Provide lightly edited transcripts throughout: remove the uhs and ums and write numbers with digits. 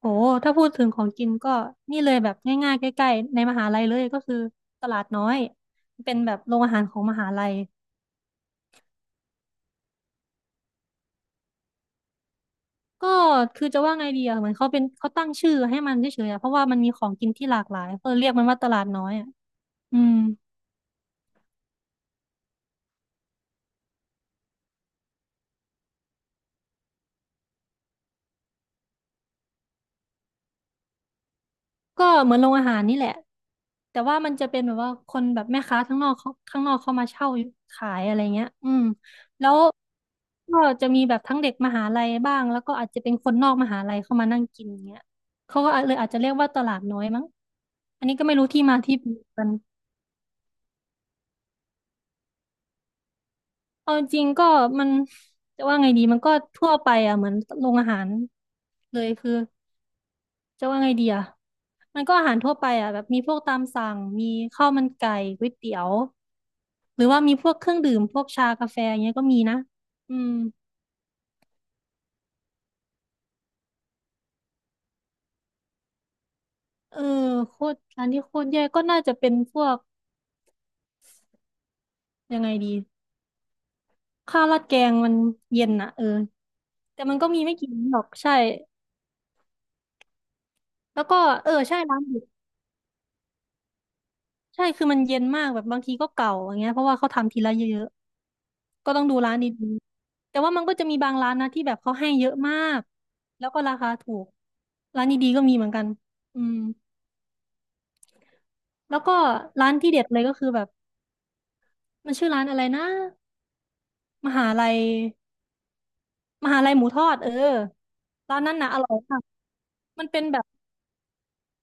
โอ้ถ้าพูดถึงของกินก็นี่เลยแบบง่ายๆใกล้ๆในมหาลัยเลยก็คือตลาดน้อยเป็นแบบโรงอาหารของมหาลัยก็คือจะว่าไงดีอะเหมือนเขาตั้งชื่อให้มันเฉยๆอะเพราะว่ามันมีของกินที่หลากหลายก็เรียกมันว่าตลาดน้อยอะอืม ก็เหมือนโรงอาหารนี่แหละแต่ว่ามันจะเป็นแบบว่าคนแบบแม่ค้าข้างนอกเขาข้างนอกเขามาเช่าขายอะไรเงี้ยอืมแล้วก็จะมีแบบทั้งเด็กมหาลัยบ้างแล้วก็อาจจะเป็นคนนอกมหาลัยเข้ามานั่งกินเงี้ยเขาก็เลยอาจจะเรียกว่าตลาดน้อยมั้งอันนี้ก็ไม่รู้ที่มาที่ไปกันเอาจริงๆก็มันจะว่าไงดีมันก็ทั่วไปอ่ะเหมือนโรงอาหารเลยคือ จะว่าไงดีอ่ะมันก็อาหารทั่วไปอ่ะแบบมีพวกตามสั่งมีข้าวมันไก่ก๋วยเตี๋ยว หรือว่ามีพวกเครื่องดื่มพวกชากาแฟอย่างเงี้ยก็มีนะอืมเออโคตรร้านที่โคตรแย่ก็น่าจะเป็นพวกยังไงดีข้าวราดแกงมันเย็นอ่ะเออแต่มันก็มีไม่กี่ร้านหรอกใช่แล้วก็เออใช่ร้านหยุดใช่คือมันเย็นมากแบบบางทีก็เก่าอย่างเงี้ยเพราะว่าเขาทำทีละเยอะ ก็ต้องดูร้านดีๆแต่ว่ามันก็จะมีบางร้านนะที่แบบเขาให้เยอะมาก แล้วก็ราคาถูกร้านดีๆก็มีเหมือนกันอืมแล้วก็ร้านที่เด็ดเลยก็คือแบบมันชื่อร้านอะไรนะ มหาลัยมหาลัยหมูทอดเออร้านนั้นนะอร่อยมากมันเป็นแบบ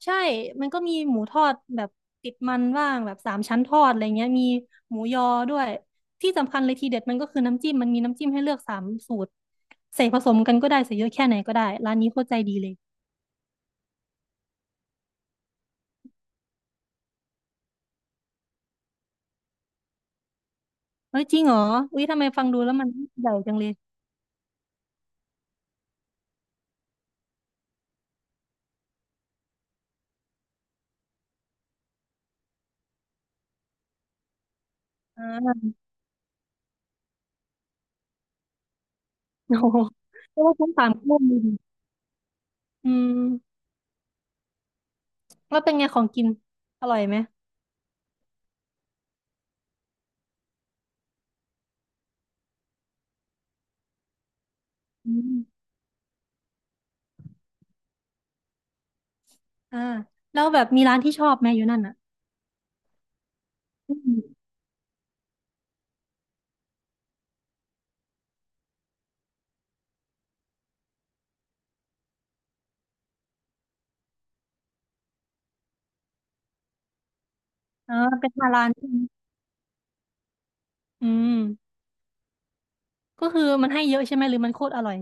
ใช่มันก็มีหมูทอดแบบติดมันว่างแบบสามชั้นทอดอะไรเงี้ยมีหมูยอด้วยที่สำคัญเลยทีเด็ดมันก็คือน้ำจิ้มมันมีน้ำจิ้มให้เลือกสามสูตรใส่ผสมกันก็ได้ใส่เยอะแค่ไหนก็ได้ร้านนี้โคตรใจดีเลย เฮ้ยจริงเหรออุ๊ยทำไมฟังดูแล้วมันใหญ่จังเลยอ่า โอ้โหเพราะว่าทั้งสามกุู้เมีดิอืมแล้วเป็นไงของกินอร่อยไหมอืมอ่าแล้วแบบมีร้านที่ชอบไหมอยู่นั่นอ่ะอืมอ่าเป็นมาร้านใช่ไหมอืมก็คือมันให้เยอะใช่ไหมหรือมันโคตรอร่อย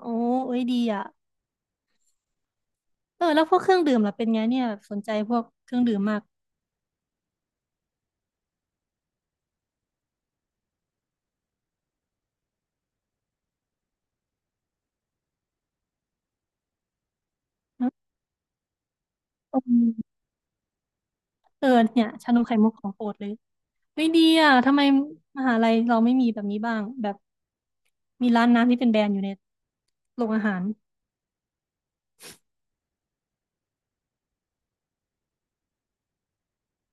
โอ้เอ้ยดีอ่ะเออแล้วพวกเครื่องดื่มล่ะเป็นไงเนี่ยสนใจพวกเครื่องดื่มมากอืมเออเนี่ยชานมไข่มุกของโปรดเลย ไม่ดีอ่ะทำไมมหาลัยเราไม่มีแบบนี้บ้างแบบมีร้านน้ำที่เป็นแบรนด์อยู่ในโรงอาหาร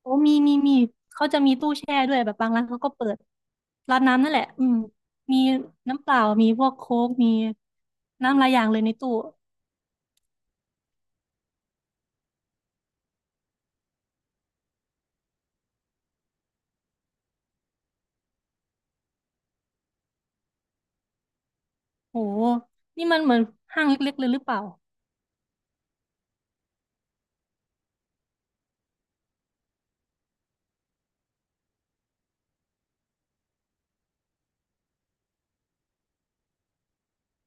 โอ้มีเขาจะมีตู้แช่ด้วยแบบบางร้านเขาก็เปิดร้านน้ำนั่นแหละอืมมีน้ำเปล่ามีพวกโค้กมีน้ำหลายอย่างเลยในตู้โหนี่มันเหมือนห้างเล็กๆเลยหรือเปล่า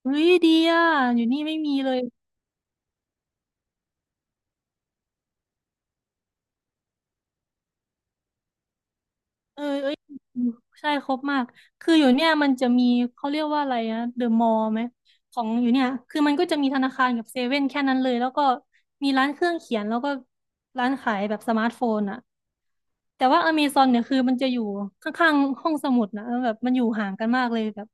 เฮ้ยดีอ่ะอยู่นี่ไม่มีเลย เอ้ยใช่ครบมาก คืออยู่เนี่ยมันจะมีเขาเรียกว่าอะไรนะเดอะมอลล์ไหมของอยู่เนี่ยคือมันก็จะมีธนาคารกับเซเว่นแค่นั้นเลยแล้วก็มีร้านเครื่องเขียนแล้วก็ร้านขายแบบสมาร์ทโฟนอะแต่ว่าอเมซอนเนี่ยคือมันจะอยู่ข้างๆห้องสมุดนะแล้วแบบมันอยู่ห่างกันมากเลยแบบ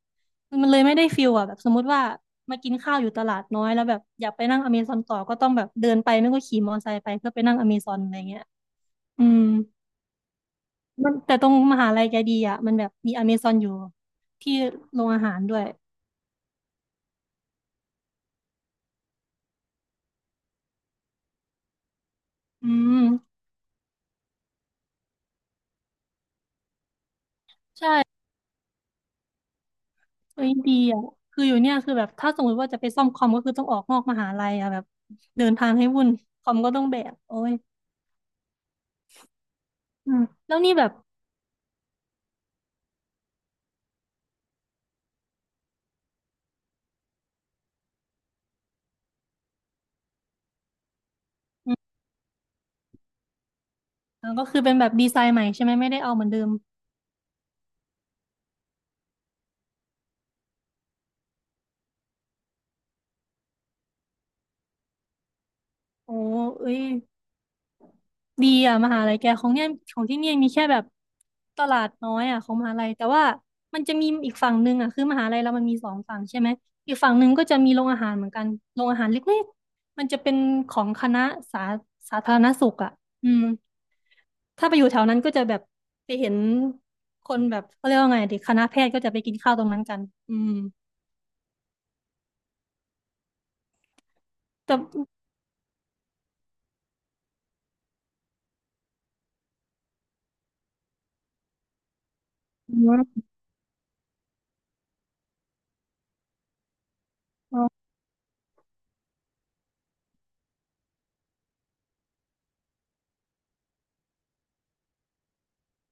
มันเลยไม่ได้ฟิลอะแบบสมมติว่ามากินข้าวอยู่ตลาดน้อยแล้วแบบอยากไปนั่งอเมซอนต่อก็ต้องแบบเดินไปไม่ก็ขี่มอเตอร์ไซค์ไปเพื่อไปนั่งอเมซอนอะไรเงี้ยอืม มันแต่ตรงมหาลัยแกดีอ่ะมันแบบมีอเมซอนอยู่ที่โรงอาหารด้วยอืมเอ้ยดีอ่ะคืออยู่เนี่ยคือแบบถ้าสมมติว่าจะไปซ่อมคอมก็คือต้องออกนอกมหาลัยอ่ะแบบเดินทางให้วุ่นคอมก็ต้องแบกโอ้ยอืมแล้วนี่แบบเออก็คือเป็นแบบดีไซน์ใหม่ใช่ไหมไม่ได้เอาเหมือนเดิมโอ้เอ้ย ดีอ่ะมหาลัยแกของเนี่ยของที่เนี่ยมีแค่แบบตลาดน้อยอ่ะของมหาลัยแต่ว่ามันจะมีอีกฝั่งหนึ่งอ่ะคือมหาลัยเรามันมีสองฝั่งใช่ไหมอีกฝั่งหนึ่งก็จะมีโรงอาหารเหมือนกันโรงอาหารเล็กๆมันจะเป็นของคณะสาสาธารณสุขอ่ะอืมถ้าไปอยู่แถวนั้นก็จะแบบไปเห็นคนแบบเขาเรียกว่าไงดิคณะแพทย์ก็จะไปกินข้าวตรงนั้นกันอืมแต่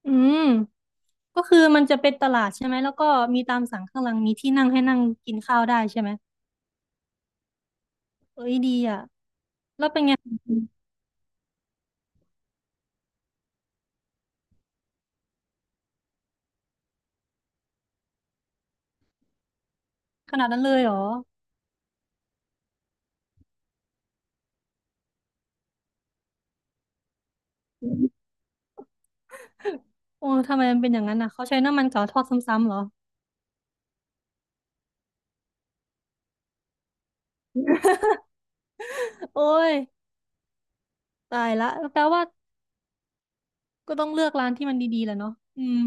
อืมก็คือมันจะเป็นตลาดใช่ไหมแล้วก็มีตามสั่งข้างหลังมีที่นั่งให้นั่งกินข้าวได้ใช่ไหม เอ้ยดีอ่ะขนาดนั้นเลยเหรอโอ้ทำไมมันเป็นอย่างนั้นอ่ะเขาใช้น้ำมันเก่าทอดซ้ำๆเหรอโอ้ยตายละแปลว่าก็ต้องเลือกร้านที่มันดีๆแหละเนาะอืม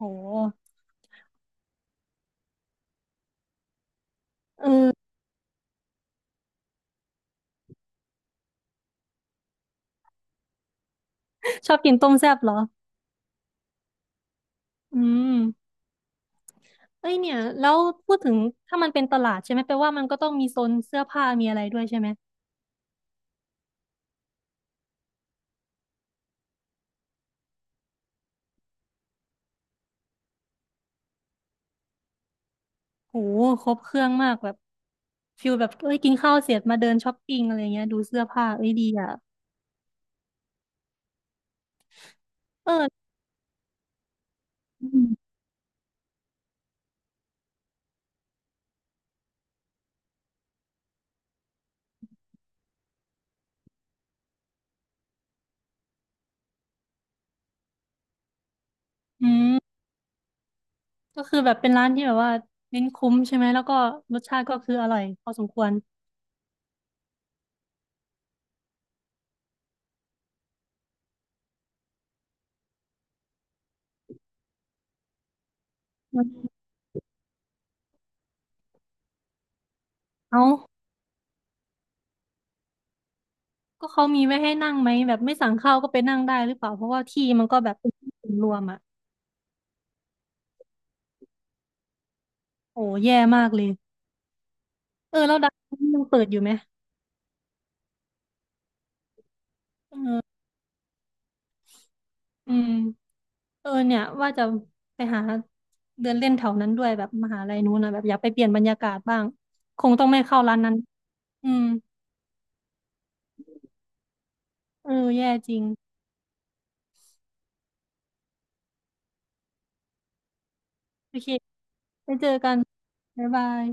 โหเออชอบกินต้มแซ่บเหรออืมเอ้ยเนี่ยแล้วพูดถึงถ้ามันเป็นตลาดใช่ไหมแปลว่ามันก็ต้องมีโซนเสื้อผ้ามีอะไรด้วยใช่ไหมโหครบเครื่องมากแบบฟิลแบบเอ้ยกินข้าวเสร็จมาเดินช้อปปิ้งอะไรเงี้ยดูเสื้อผ้าเอ้ยดีอ่ะเอออืม ก็คือแบบเป็นร้านที่แบบว่าเน้นคุ้มใช่ไหมแล้วก็รสชาติก็คืออร่อยพอสมควรอืมเอ้าก็เขามีไว้ให้นั่งไหมแบบไม่สั่งข้าวก็ไปนั่งได้หรือเปล่าเพราะว่าที่มันก็แบบเป็นที่ส่วนรวมอ่ะโอ้แย่มากเลย เออแล้วดังนี่ยังเปิดอยู่ไหมเอออืมเออเนี่ยว่าจะไปหาเดินเล่นแถวนั้นด้วยแบบมหาลัยนู้นนะแบบอยากไปเปลี่ยนบรรยากาศบ้างคงต้องไม่เข้าร้านนั้นอืมเออแย่จริงโอเคไปเจอกันบ๊ายบาย